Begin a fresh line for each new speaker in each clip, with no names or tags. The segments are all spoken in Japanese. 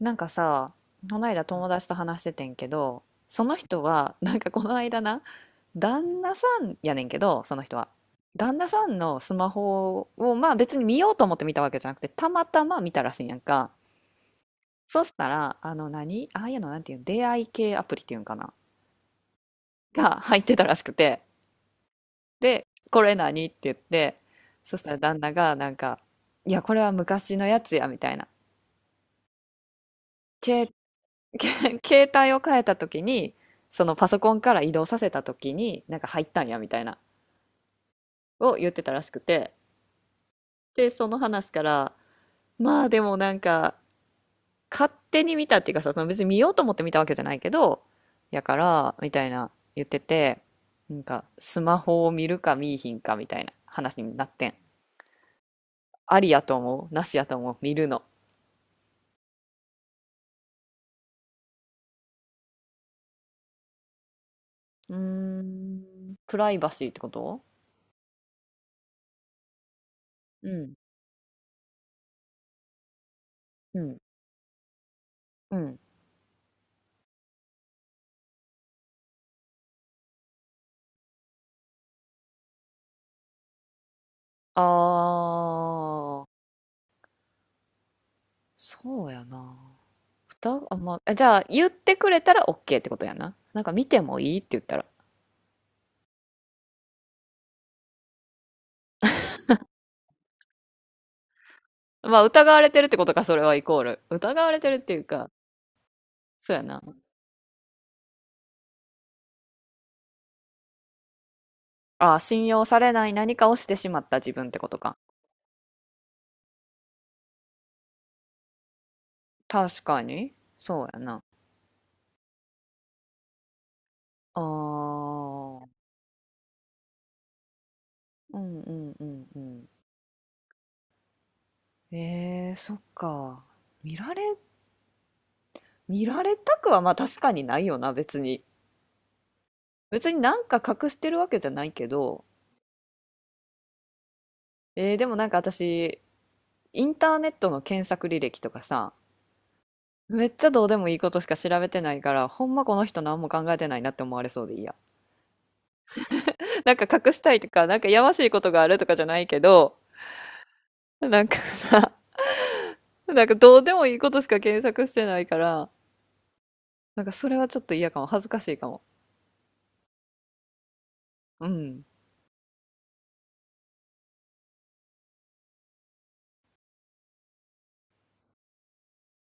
なんかさ、この間友達と話しててんけど、その人は、なんかこの間な、旦那さんやねんけど、その人は。旦那さんのスマホを、まあ別に見ようと思って見たわけじゃなくて、たまたま見たらしいんやんか。そしたら、あの何、ああいうのなんていうの、出会い系アプリっていうんかなが入ってたらしくて。で、これ何って言って、そしたら旦那がなんか、いや、これは昔のやつや、みたいな。携け 携帯を変えた時に、そのパソコンから移動させた時になんか入ったんやみたいなを言ってたらしくて、でその話から、まあでもなんか、勝手に見たっていうかさ、その別に見ようと思って見たわけじゃないけどやからみたいな、言ってて、なんかスマホを見るか見いひんかみたいな話になってん。ありやと思う、なしやと思う、見るの？うーん。プライバシーってこと？うん、うん、うん。あー、そうやな。歌、あ、まあ、じゃあ言ってくれたら OK ってことやな。なんか見てもいいって言ったら。まあ疑われてるってことか、それはイコール。疑われてるっていうか、そうやな。ああ、信用されない何かをしてしまった自分ってことか。確かに。そうやな。ああ、うんうんうんうん。そっか。見られ、見られたくはまあ確かにないよな、別に。別になんか隠してるわけじゃないけど、でもなんか私、インターネットの検索履歴とかさ、めっちゃどうでもいいことしか調べてないから、ほんまこの人何も考えてないなって思われそうでいいや。なんか隠したいとか、なんかやましいことがあるとかじゃないけど、なんかさ、なんかどうでもいいことしか検索してないから、なんかそれはちょっと嫌かも。恥ずかしいかも。うん。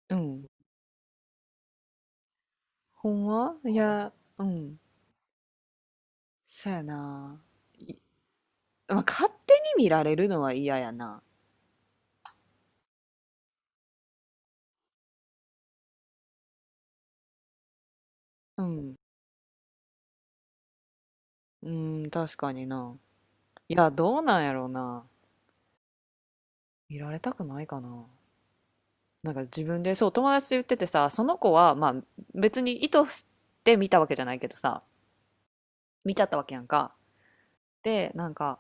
うん。ほんまいや、うん。そやな。いまあ、勝手に見られるのは嫌やな。うん。うん、確かにな。いや、どうなんやろうな。見られたくないかな。なんか自分でそう友達と言っててさ、その子はまあ別に意図して見たわけじゃないけどさ、見ちゃったわけやんか。で、なんか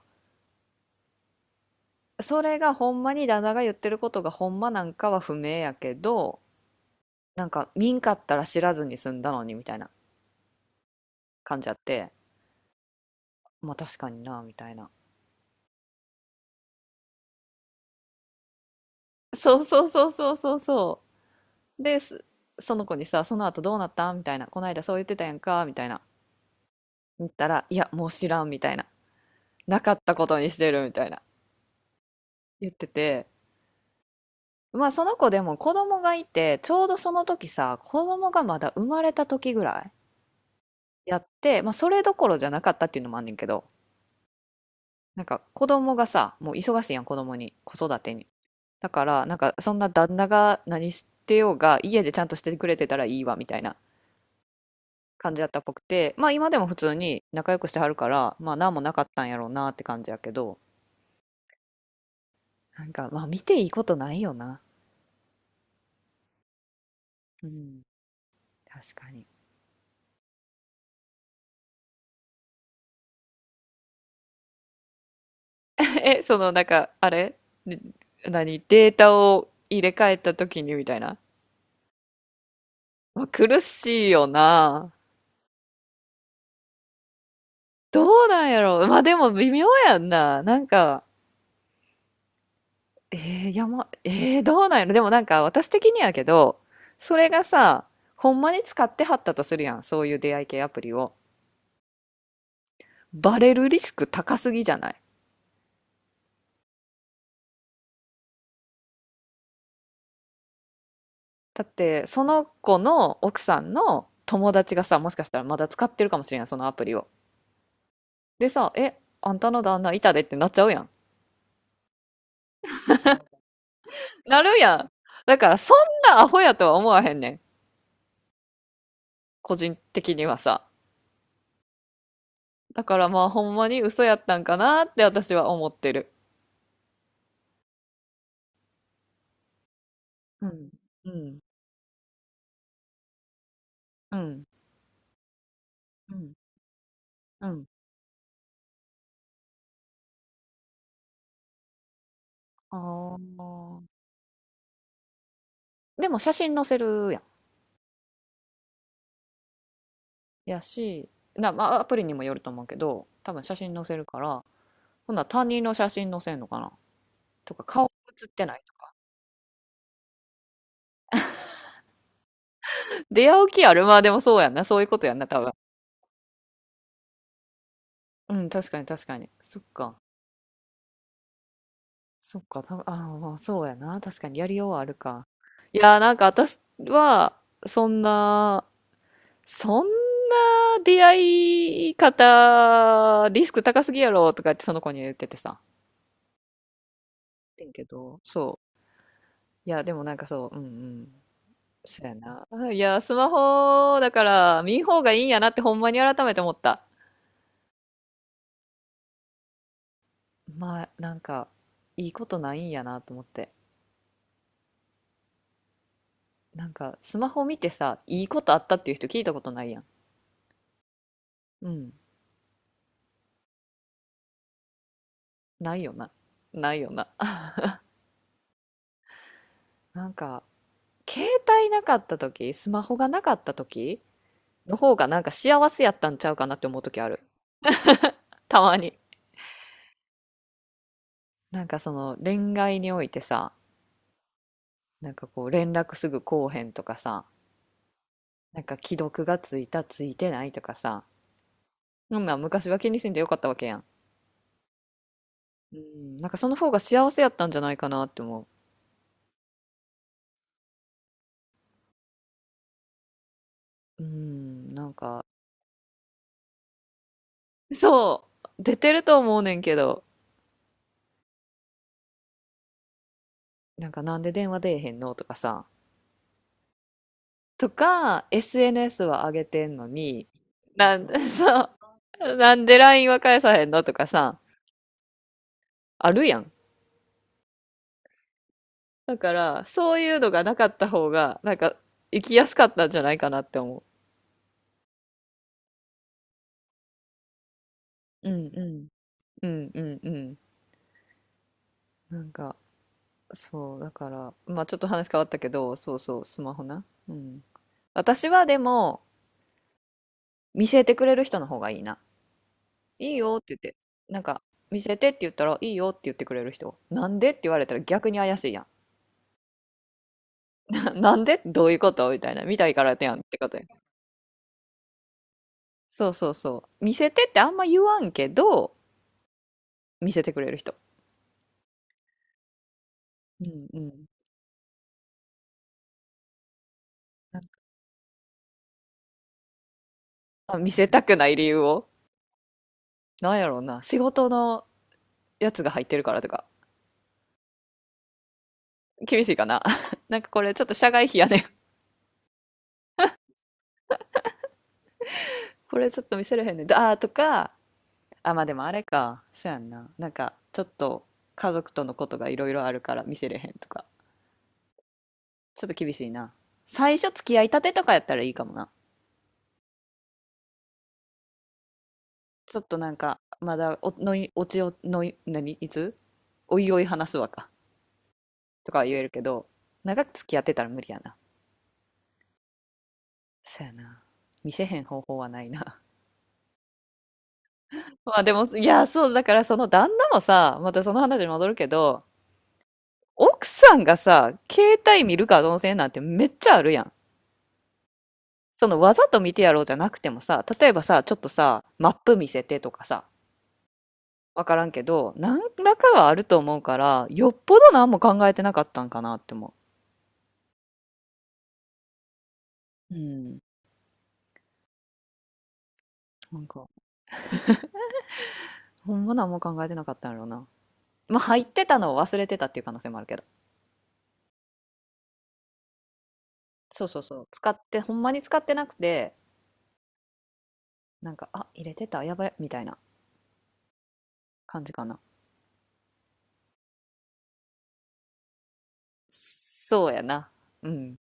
それがほんまに旦那が言ってることがほんまなんかは不明やけど、なんか見んかったら知らずに済んだのにみたいな感じあって、まあ確かになみたいな。そうそうそうそうそうそう。で、その子にさ、その後どうなったみたいな。この間そう言ってたやんかみたいな。言ったら、いや、もう知らんみたいな。なかったことにしてるみたいな。言ってて、まあその子でも子供がいて、ちょうどその時さ、子供がまだ生まれた時ぐらいやって、まあそれどころじゃなかったっていうのもあんねんけど、なんか子供がさ、もう忙しいやん、子供に、子育てに。だから、なんかそんな旦那が何してようが、家でちゃんとしてくれてたらいいわ、みたいな感じやったっぽくて、まあ今でも普通に仲良くしてはるから、まあ何もなかったんやろうなって感じやけど、なんかまあ見ていいことないよな。うん、確かに。その、なんか、あれで、何データを入れ替えた時にみたいな。まあ苦しいよな。どうなんやろう。まあでも微妙やんな。なんか、いやま、どうなんやろ。でもなんか私的にやけど、それがさ、ほんまに使ってはったとするやん。そういう出会い系アプリを。バレるリスク高すぎじゃない？だってその子の奥さんの友達がさ、もしかしたらまだ使ってるかもしれんやん、そのアプリを。でさ、「えあんたの旦那いたで」ってなっちゃうやん。なるやん。だからそんなアホやとは思わへんねん。個人的にはさ。だからまあほんまに嘘やったんかなって私は思ってる。うん。うん。うん。うん。うん。ああ。でも写真載せるやん。やし、な、まあアプリにもよると思うけど、多分写真載せるから、ほんなら他人の写真載せんのかな、とか顔写ってないとか。出会う気ある？まあでもそうやんな。そういうことやんな、多分。うん、確かに確かに。そっか。そっか、ああ、まあ、そうやな。確かにやりようはあるか。いやー、なんか私は、そんな、そんな出会い方、リスク高すぎやろとかってその子には言っててさ。ってんけど、そう。いや、でもなんかそう、うんうん。そうやな。あいや、スマホだから見ん方がいいんやなってほんまに改めて思った。まあ、なんか、いいことないんやなと思って。なんか、スマホ見てさ、いいことあったっていう人聞いたことないやん。うん。ないよな。ないよな。なんか、携帯なかった時、スマホがなかった時の方がなんか幸せやったんちゃうかなって思う時ある。たまに。なんかその恋愛においてさ、なんかこう連絡すぐこうへんとかさ、なんか既読がついたついてないとかさ、そんなん昔は気にせんでよかったわけやん。うん、なんかその方が幸せやったんじゃないかなって思う。うん、なんか、そう、出てると思うねんけど、なんかなんで電話出えへんのとかさ、とか、SNS は上げてんのに、なん そう、なんで LINE は返さへんのとかさ、あるやん。だから、そういうのがなかった方が、なんか、生きやすかったんじゃないかなって思う。うんうん。うんうんうん。なんか、そう、だから、まあちょっと話変わったけど、そうそう、スマホな。うん。私はでも、見せてくれる人の方がいいな。いいよって言って、なんか、見せてって言ったら、いいよって言ってくれる人。なんでって言われたら逆に怪しいやん。なんでどういうことみたいな。見たいからやんってことや。そうそうそう。見せてってあんま言わんけど、見せてくれる人。うんうん。あ、見せたくない理由を。なんやろうな。仕事のやつが入ってるからとか。厳しいかな。なんかこれちょっと社外費やねん。これちょっと見せれへんねん。あーとか、あ、まあでもあれか。そうやんな。なんかちょっと家族とのことがいろいろあるから見せれへんとか。ちょっと厳しいな。最初付き合いたてとかやったらいいかもな。ちょっとなんか、まだお、のい、おちお、のい、何いつおいおい話すわか、とかは言えるけど、長く付き合ってたら無理やな。そやな。見せへん方法はないな。まあでも、いや、そう、だからその旦那もさ、またその話に戻るけど、奥さんがさ、携帯見るかどうせなんてめっちゃあるやん。そのわざと見てやろうじゃなくてもさ、例えばさ、ちょっとさ、マップ見せてとかさ、わからんけど、何らかはあると思うから、よっぽど何も考えてなかったんかなって思う。うん。なんか、ほんま何も考えてなかったんやろうな。まあ、入ってたのを忘れてたっていう可能性もあるけど。そうそうそう。使って、ほんまに使ってなくて、なんか、あ、入れてた、やばい、みたいな感じかな。そうやな。うん。